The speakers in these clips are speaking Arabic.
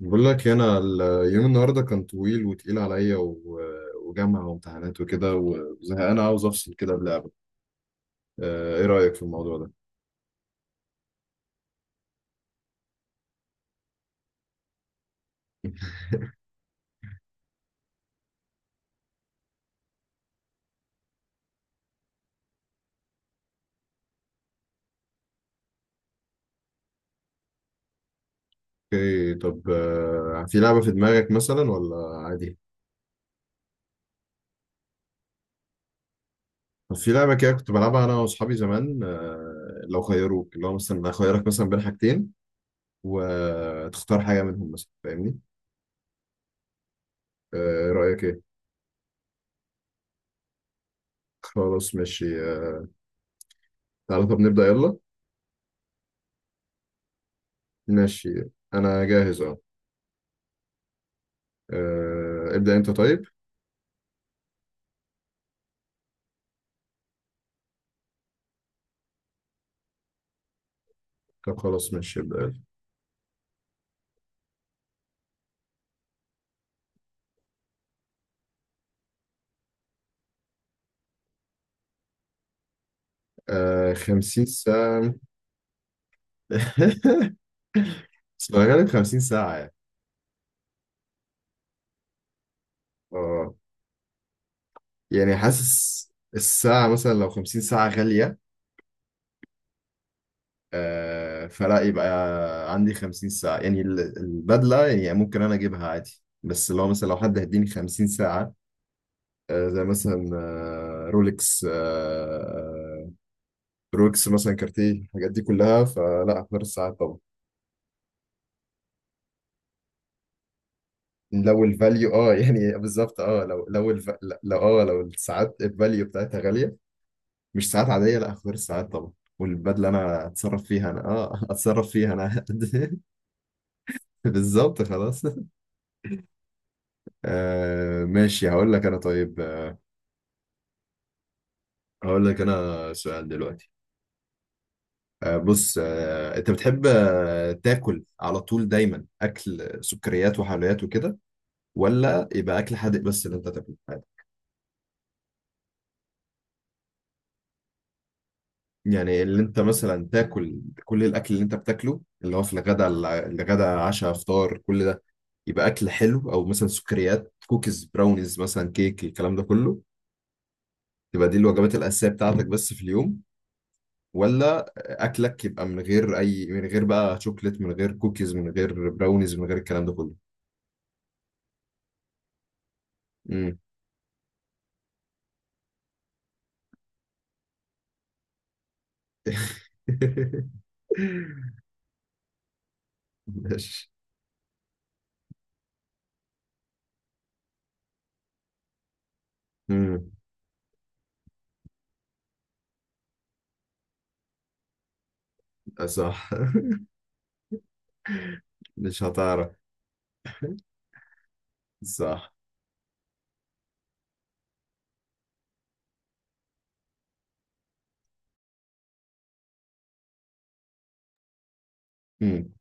بقول لك إيه، انا اليوم النهارده كان طويل وتقيل عليا وجامعه وامتحانات وكده وزهقان عاوز افصل كده بلعبه. ايه رايك في الموضوع ده؟ اوكي طب، في لعبه في دماغك مثلا ولا عادي؟ طب في لعبه كده كنت بلعبها انا واصحابي زمان. لو خيروك، اللي هو مثلا اخيرك مثلا بين حاجتين وتختار حاجه منهم، مثلا فاهمني؟ آه، ايه رايك؟ ايه؟ خلاص ماشي. تعالى طب نبدا يلا. ماشي، انا جاهز، اه. ابدا انت طيب. طب خلاص ماشي، ابدا. آه، 50 ساعة. بس غالب 50 ساعة يعني. اه، يعني حاسس الساعة مثلا لو 50 ساعة غالية، آه فلا، يبقى عندي 50 ساعة، يعني البدلة يعني ممكن أنا أجيبها عادي، بس لو مثلا حد هيديني 50 ساعة، آه زي مثلا آه رولكس، آه رولكس مثلا كارتيه، الحاجات دي كلها، فلا أختار الساعات طبعا. لو الفاليو اه يعني بالظبط، اه، لو اه الساعات الفاليو بتاعتها غالية، مش ساعات عادية، لا اختار الساعات طبعا. والبدلة انا اتصرف فيها انا، اه اتصرف فيها انا. بالظبط، خلاص. آه ماشي، هقول لك انا، طيب. هقول لك انا سؤال دلوقتي. آه بص، انت بتحب تاكل على طول دايما اكل سكريات وحلويات وكده، ولا يبقى اكل حادق بس اللي انت تاكله؟ يعني اللي انت مثلا تاكل، كل الاكل اللي انت بتاكله اللي هو في الغداء، الغداء عشاء فطار كل ده، يبقى اكل حلو او مثلا سكريات، كوكيز براونيز مثلا كيك، الكلام ده كله، تبقى دي الوجبات الاساسيه بتاعتك بس في اليوم، ولا اكلك يبقى من غير اي من غير بقى شوكليت، من غير كوكيز، من غير براونيز، من غير الكلام ده كله؟ امم ماشي. امم صح. مش هتعرف، صح. امم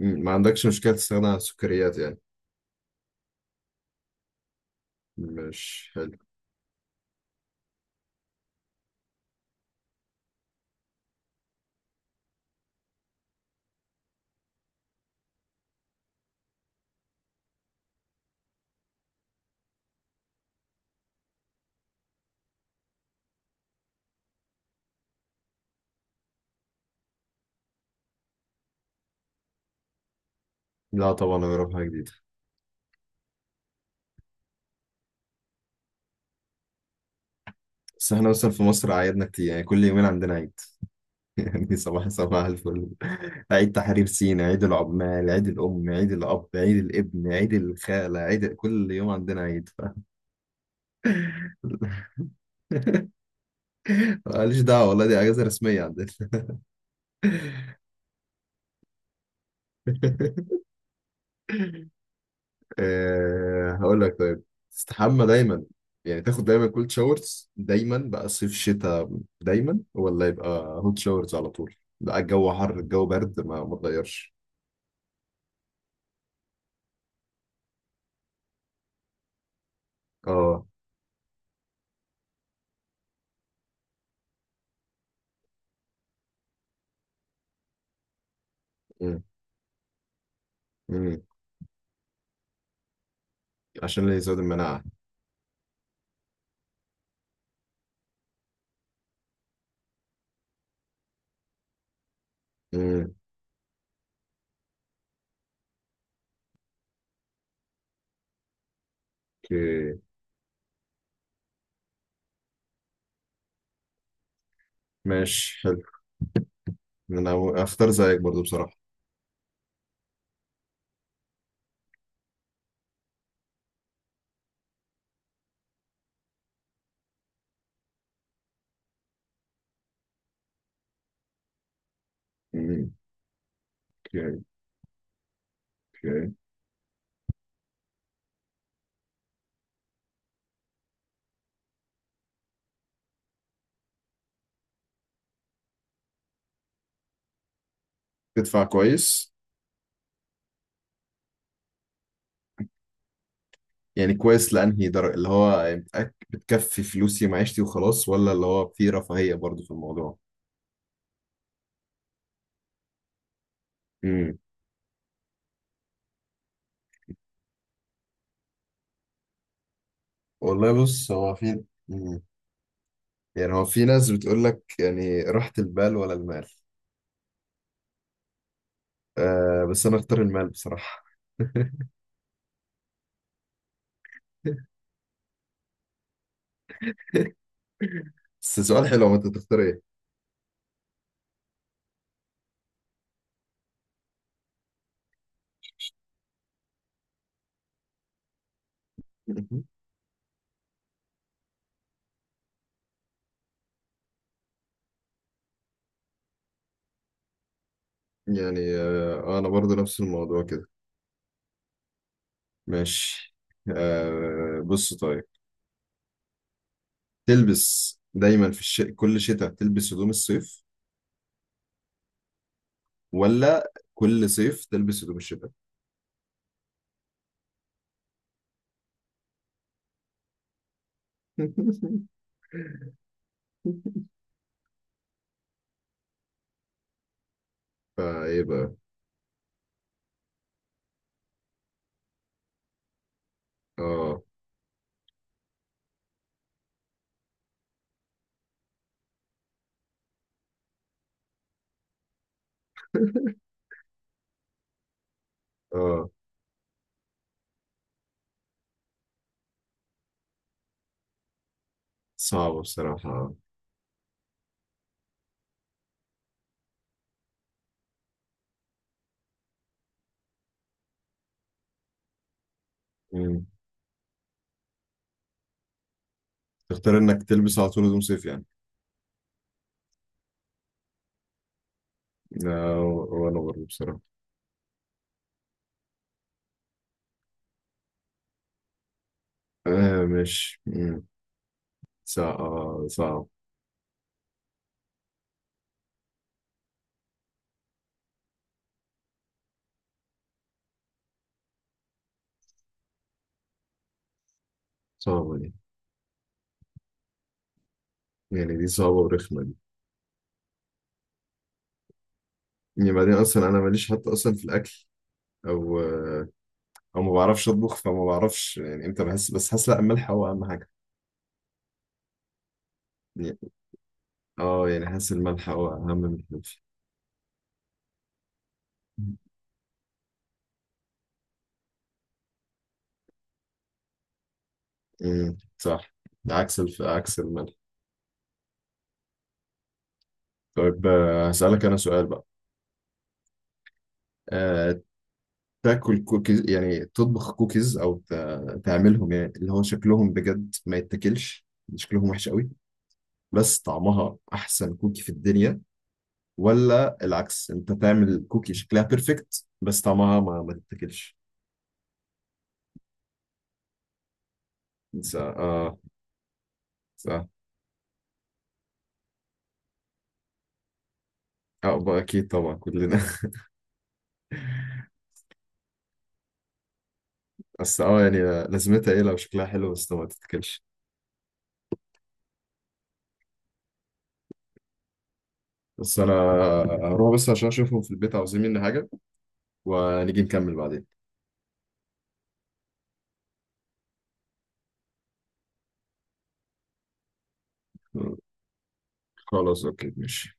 أمم. ما عندكش مشكله تستغنى عن السكريات يعني؟ مش حلو. لا طبعا نجرب حاجة جديدة. بس احنا مثلا في مصر عيدنا كتير، يعني كل يومين عندنا عيد. يعني صباح الفل، عيد تحرير سينا، عيد العمال، عيد الأم، عيد الأب، عيد الابن، عيد الخالة، عيد كل يوم عندنا عيد. ماليش دعوة والله، دي أجازة رسمية عندنا. أه هقول لك، طيب. تستحمى دايما، يعني تاخد دايما كولد شاورز دايما بقى، صيف شتاء دايما، ولا يبقى هوت شاورز على طول؟ لا الجو حر الجو برد ما تغيرش. اه. مم. مم. عشان اللي يزود المناعة. مم، اوكي، ماشي، حلو. انا اختار زيك برضو بصراحة. مم، اوكي. اوكي. تدفع كويس؟ يعني كويس لأنهي درجة، اللي هو بتكفي فلوسي ومعيشتي وخلاص، ولا اللي هو في رفاهية برضو في الموضوع؟ والله بص، هو في مم. يعني هو في ناس بتقول لك يعني راحة البال ولا المال. آه، بس انا اختار المال بصراحة. بس سؤال حلو، هو انت تختار ايه؟ مهم. يعني انا برضو نفس الموضوع كده. ماشي. آه بص طيب، تلبس دايما في كل شتاء تلبس هدوم الصيف، ولا كل صيف تلبس هدوم الشتاء؟ فايه بقى؟ اه. اه، صعبة بصراحة. مم. تختار انك تلبس على طول هدوم صيف يعني؟ لا، وأنا برضه بصراحة. آه مش مم. صعب، صعب. صعبة دي، يعني دي صعبة ورخمة دي. يعني بعدين أصلا أنا ماليش حتى أصلا في الأكل، أو آه، أو ما بعرفش أطبخ، فما بعرفش يعني إمتى بحس، بس حاسس لا الملح هو أهم حاجة. يعني أه، يعني حاسس الملح هو أهم من الفلفل. صح. عكس عكس الملح. طيب هسألك أنا سؤال بقى. آه، تاكل كوكيز، يعني تطبخ كوكيز او تعملهم يعني اللي هو شكلهم بجد ما يتاكلش، شكلهم وحش قوي، بس طعمها احسن كوكي في الدنيا، ولا العكس، انت تعمل كوكي شكلها بيرفكت بس طعمها ما تتاكلش؟ س- اه س- اه بقى اكيد طبعا، كلنا. بس اه يعني لازمتها ايه لو شكلها حلو بس ما تتاكلش. بس انا هروح بس عشان اشوفهم في البيت، عاوزين مني حاجه، ونيجي نكمل بعدين. خلاص اوكي ماشي.